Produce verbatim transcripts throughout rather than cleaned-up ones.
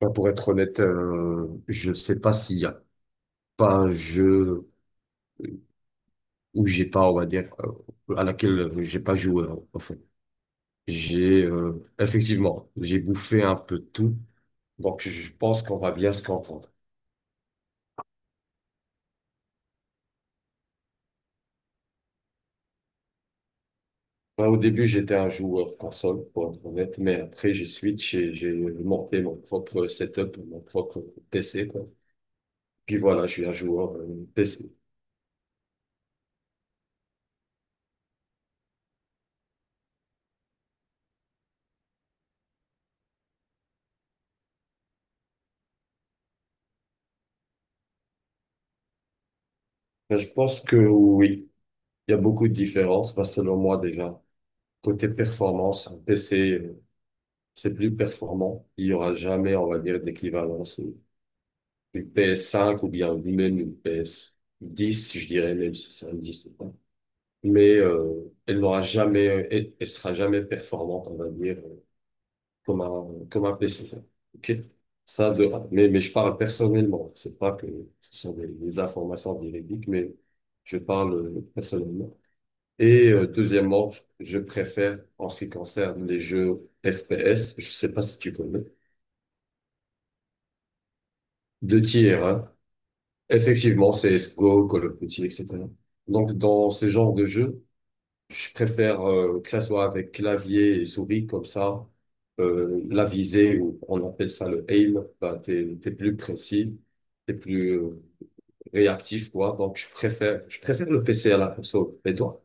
Bah, pour être honnête, euh, je sais pas s'il y a pas un jeu où j'ai pas, on va dire, euh, à laquelle j'ai pas joué, euh, en fait. J'ai, euh, effectivement, j'ai bouffé un peu de tout, donc je pense qu'on va bien se comprendre. Moi, au début, j'étais un joueur console, pour être honnête, mais après, j'ai switch et j'ai monté mon propre setup, mon propre P C, quoi. Puis voilà, je suis un joueur euh, P C. Mais je pense que oui, il y a beaucoup de différences, bah, selon moi déjà côté performance, un P C c'est plus performant. Il y aura jamais, on va dire, d'équivalence. Une P S cinq ou bien même une P S dix, je dirais, même si c'est un dix ou pas. Mais euh, elle n'aura jamais, elle, elle sera jamais performante, on va dire, euh, comme un, comme un P C. OK? Ça, de un. mais, mais je parle personnellement. C'est pas que ce sont des, des informations véridiques, mais je parle euh, personnellement. Et euh, deuxièmement, je préfère, en ce qui concerne les jeux F P S, je sais pas si tu connais. Deux tiers, hein. Effectivement, C S G O, Call of Duty, et cetera. Donc, dans ce genre de jeu, je préfère euh, que ça soit avec clavier et souris, comme ça, euh, la visée, ou on appelle ça le aim, bah, t'es, t'es plus précis, t'es plus euh, réactif, quoi. Donc, je préfère, je préfère le P C à la console. Et toi?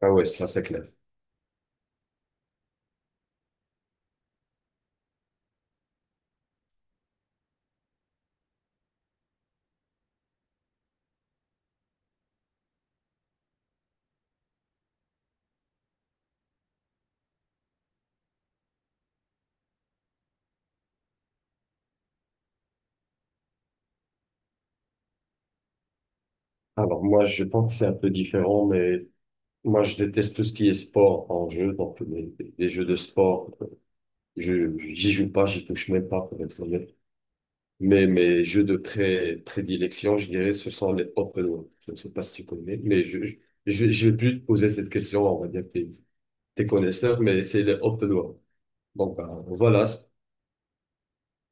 Ah ouais, ça, c'est clair. Alors, moi, je pense que c'est un peu différent, mais moi, je déteste tout ce qui est sport en jeu, donc les, les jeux de sport. Je, j'y joue pas, j'y touche même pas, pour être honnête. Mais mes jeux de pré prédilection, je dirais, ce sont les open world. Je ne sais pas si tu connais, mais je, je, je je vais plus te poser cette question. On va dire que t'es, t'es connaisseur, mais c'est les open world. Donc, ben, voilà, c'est-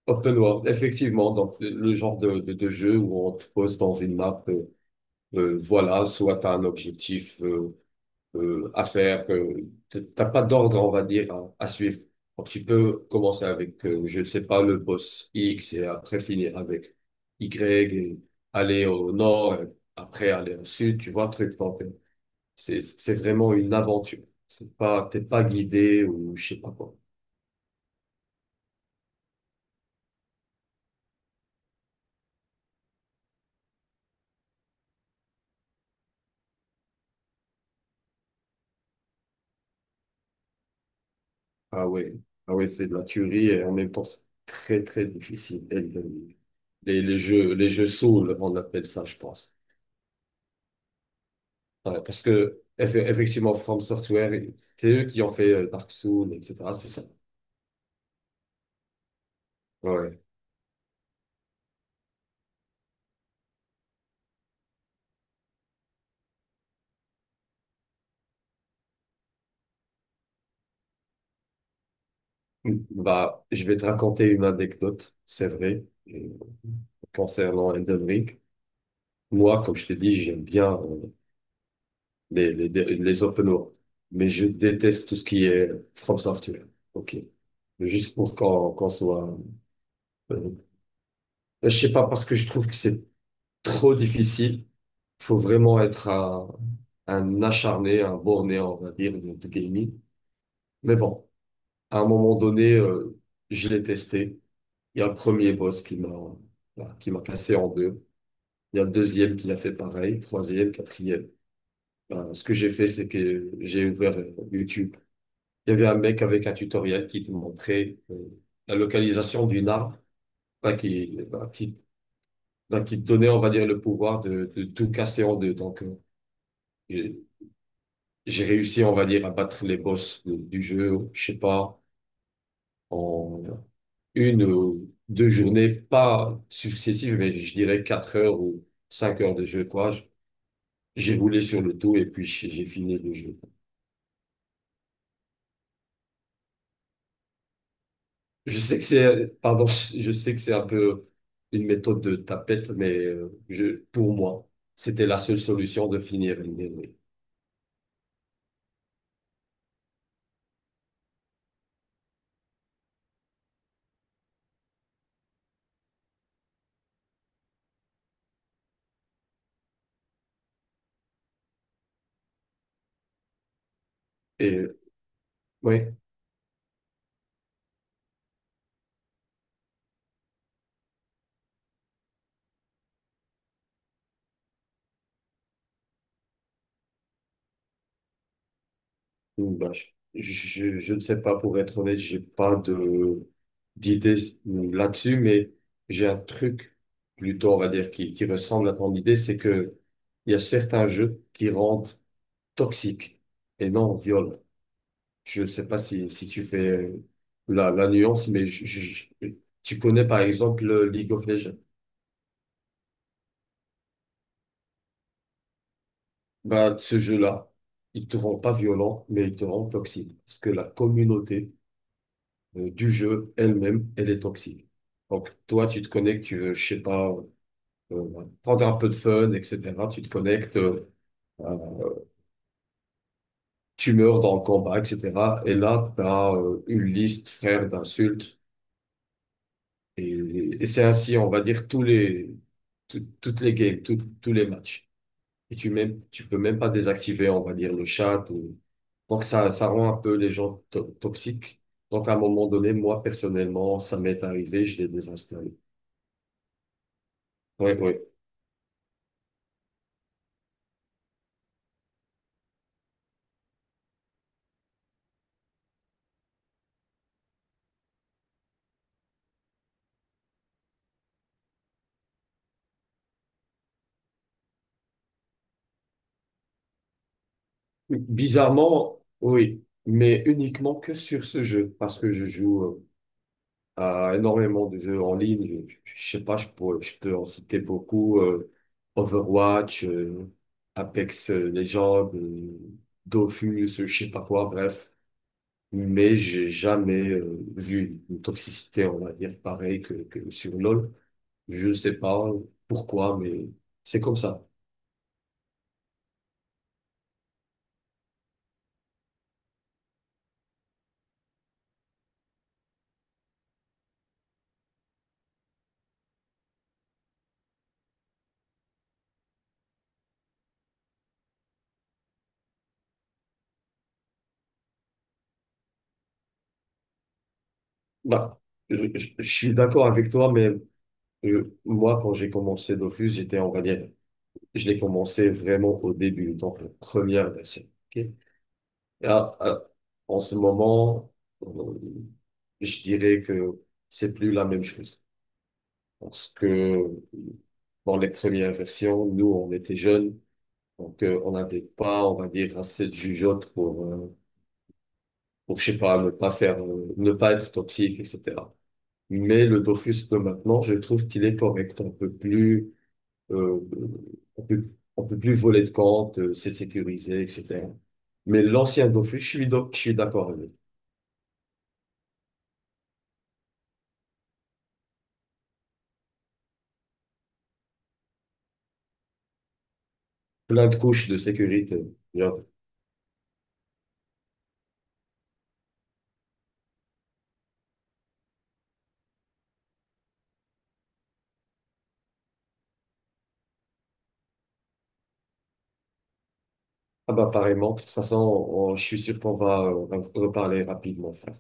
open world, effectivement. Donc, le le genre de, de, de jeu où on te pose dans une map, euh, euh, voilà, soit t'as un objectif, euh, euh, à faire, que t- t'as pas d'ordre, on va dire, à, à suivre. Donc, tu peux commencer avec, euh, je ne sais pas, le boss X et après finir avec Y et aller au nord, et après aller au sud, tu vois, le truc. Donc, euh, c'est, c'est vraiment une aventure. C'est pas, t'es pas guidé ou je sais pas quoi. Ah ouais, ah ouais, c'est de la tuerie et en même temps, c'est très, très difficile. Et le- les, les jeux, les jeux Souls, on appelle ça, je pense. Ouais, parce que, eff- effectivement, From Software, c'est eux qui ont fait euh, Dark Souls, et cetera. C'est ça. Ouais. Mm. Bah, je vais te raconter une anecdote, c'est vrai, euh, concernant Elden Ring. Moi, comme je t'ai dit, j'aime bien euh, les, les, les open world, mais je déteste tout ce qui est From Software. OK. Juste pour qu'on qu'on soit... euh, je sais pas, parce que je trouve que c'est trop difficile. Faut vraiment être un, un acharné, un borné, on va dire, de de gaming. Mais bon, à un moment donné, euh, je l'ai testé. Il y a le premier boss qui m'a voilà, qui m'a cassé en deux. Il y a le deuxième qui a fait pareil, troisième, quatrième. Ben, ce que j'ai fait, c'est que j'ai ouvert euh, YouTube. Il y avait un mec avec un tutoriel qui te montrait euh, la localisation d'une arme, ben, qui, ben, qui, ben, qui te donnait, on va dire, le pouvoir de, de tout casser en deux. Donc, euh, j'ai j'ai réussi, on va dire, à battre les boss de- du jeu, je sais pas, en une ou deux journées, pas successives, mais je dirais quatre heures ou cinq heures de jeu, quoi. Je- J'ai roulé sur le tout et puis j'ai j'ai fini le jeu. Je sais que c'est, pardon, je sais que c'est un peu une méthode de tapette, mais euh, je, pour moi, c'était la seule solution de finir l'année. Oui. Et oui. Mm, bah, je, je, je ne sais pas, pour être honnête, j'ai pas de d'idée là-dessus, mais j'ai un truc plutôt, on va dire, qui, qui ressemble à ton idée, c'est que il y a certains jeux qui rendent toxiques et non violents. Je ne sais pas si, si tu fais euh, la, la nuance, mais je- je- je- tu connais par exemple le League of Legends. Bah, ce jeu-là, il te rend pas violent, mais il te rend toxique. Parce que la communauté euh, du jeu elle-même, elle est toxique. Donc, toi, tu te connectes, tu veux, je sais pas, euh, prendre un peu de fun, et cetera. Tu te connectes, euh, euh, tu meurs dans le combat, et cetera. Et là, tu as une liste, frère, d'insultes. Et, et c'est ainsi, on va dire, tous les, tout- toutes les games, tout- tous les matchs. Et tu même, tu peux même pas désactiver, on va dire, le chat. ou- Donc, ça, ça rend un peu les gens to- toxiques. Donc, à un moment donné, moi, personnellement, ça m'est arrivé, je l'ai désinstallé. Oui, bizarrement, oui, mais uniquement que sur ce jeu, parce que je joue euh, à énormément de jeux en ligne. Je, je sais pas, je, pourrais- je peux en citer beaucoup. euh, Overwatch, euh, Apex euh, Legends, euh, Dofus, je sais pas quoi, bref. Mais j'ai jamais euh, vu une toxicité, on va dire, pareille que, que sur LoL. Je ne sais pas pourquoi, mais c'est comme ça. Bah, je, je- je suis d'accord avec toi, mais Euh, moi, quand j'ai commencé Dofus, j'étais, on va dire, je l'ai commencé vraiment au début, donc la première version. Ok. Et à- à- en ce moment, euh, je dirais que c'est plus la même chose. Parce que dans les premières versions, nous, on était jeunes, donc euh, on n'avait pas, on va dire, assez de jugeote pour, euh, pour, je sais pas, ne pas faire, euh, ne pas être toxique, et cetera. Mais le Dofus de maintenant, je trouve qu'il est correct, un peu plus euh, on peut, on peut plus voler de compte, euh, c'est sécurisé, et cetera. Mais l'ancien Dofus, je suis, doc- je suis d'accord avec. Plein de couches de sécurité. Genre, ah bah, apparemment, de toute façon, on- je suis sûr qu'on va, euh, en reparler rapidement, frère.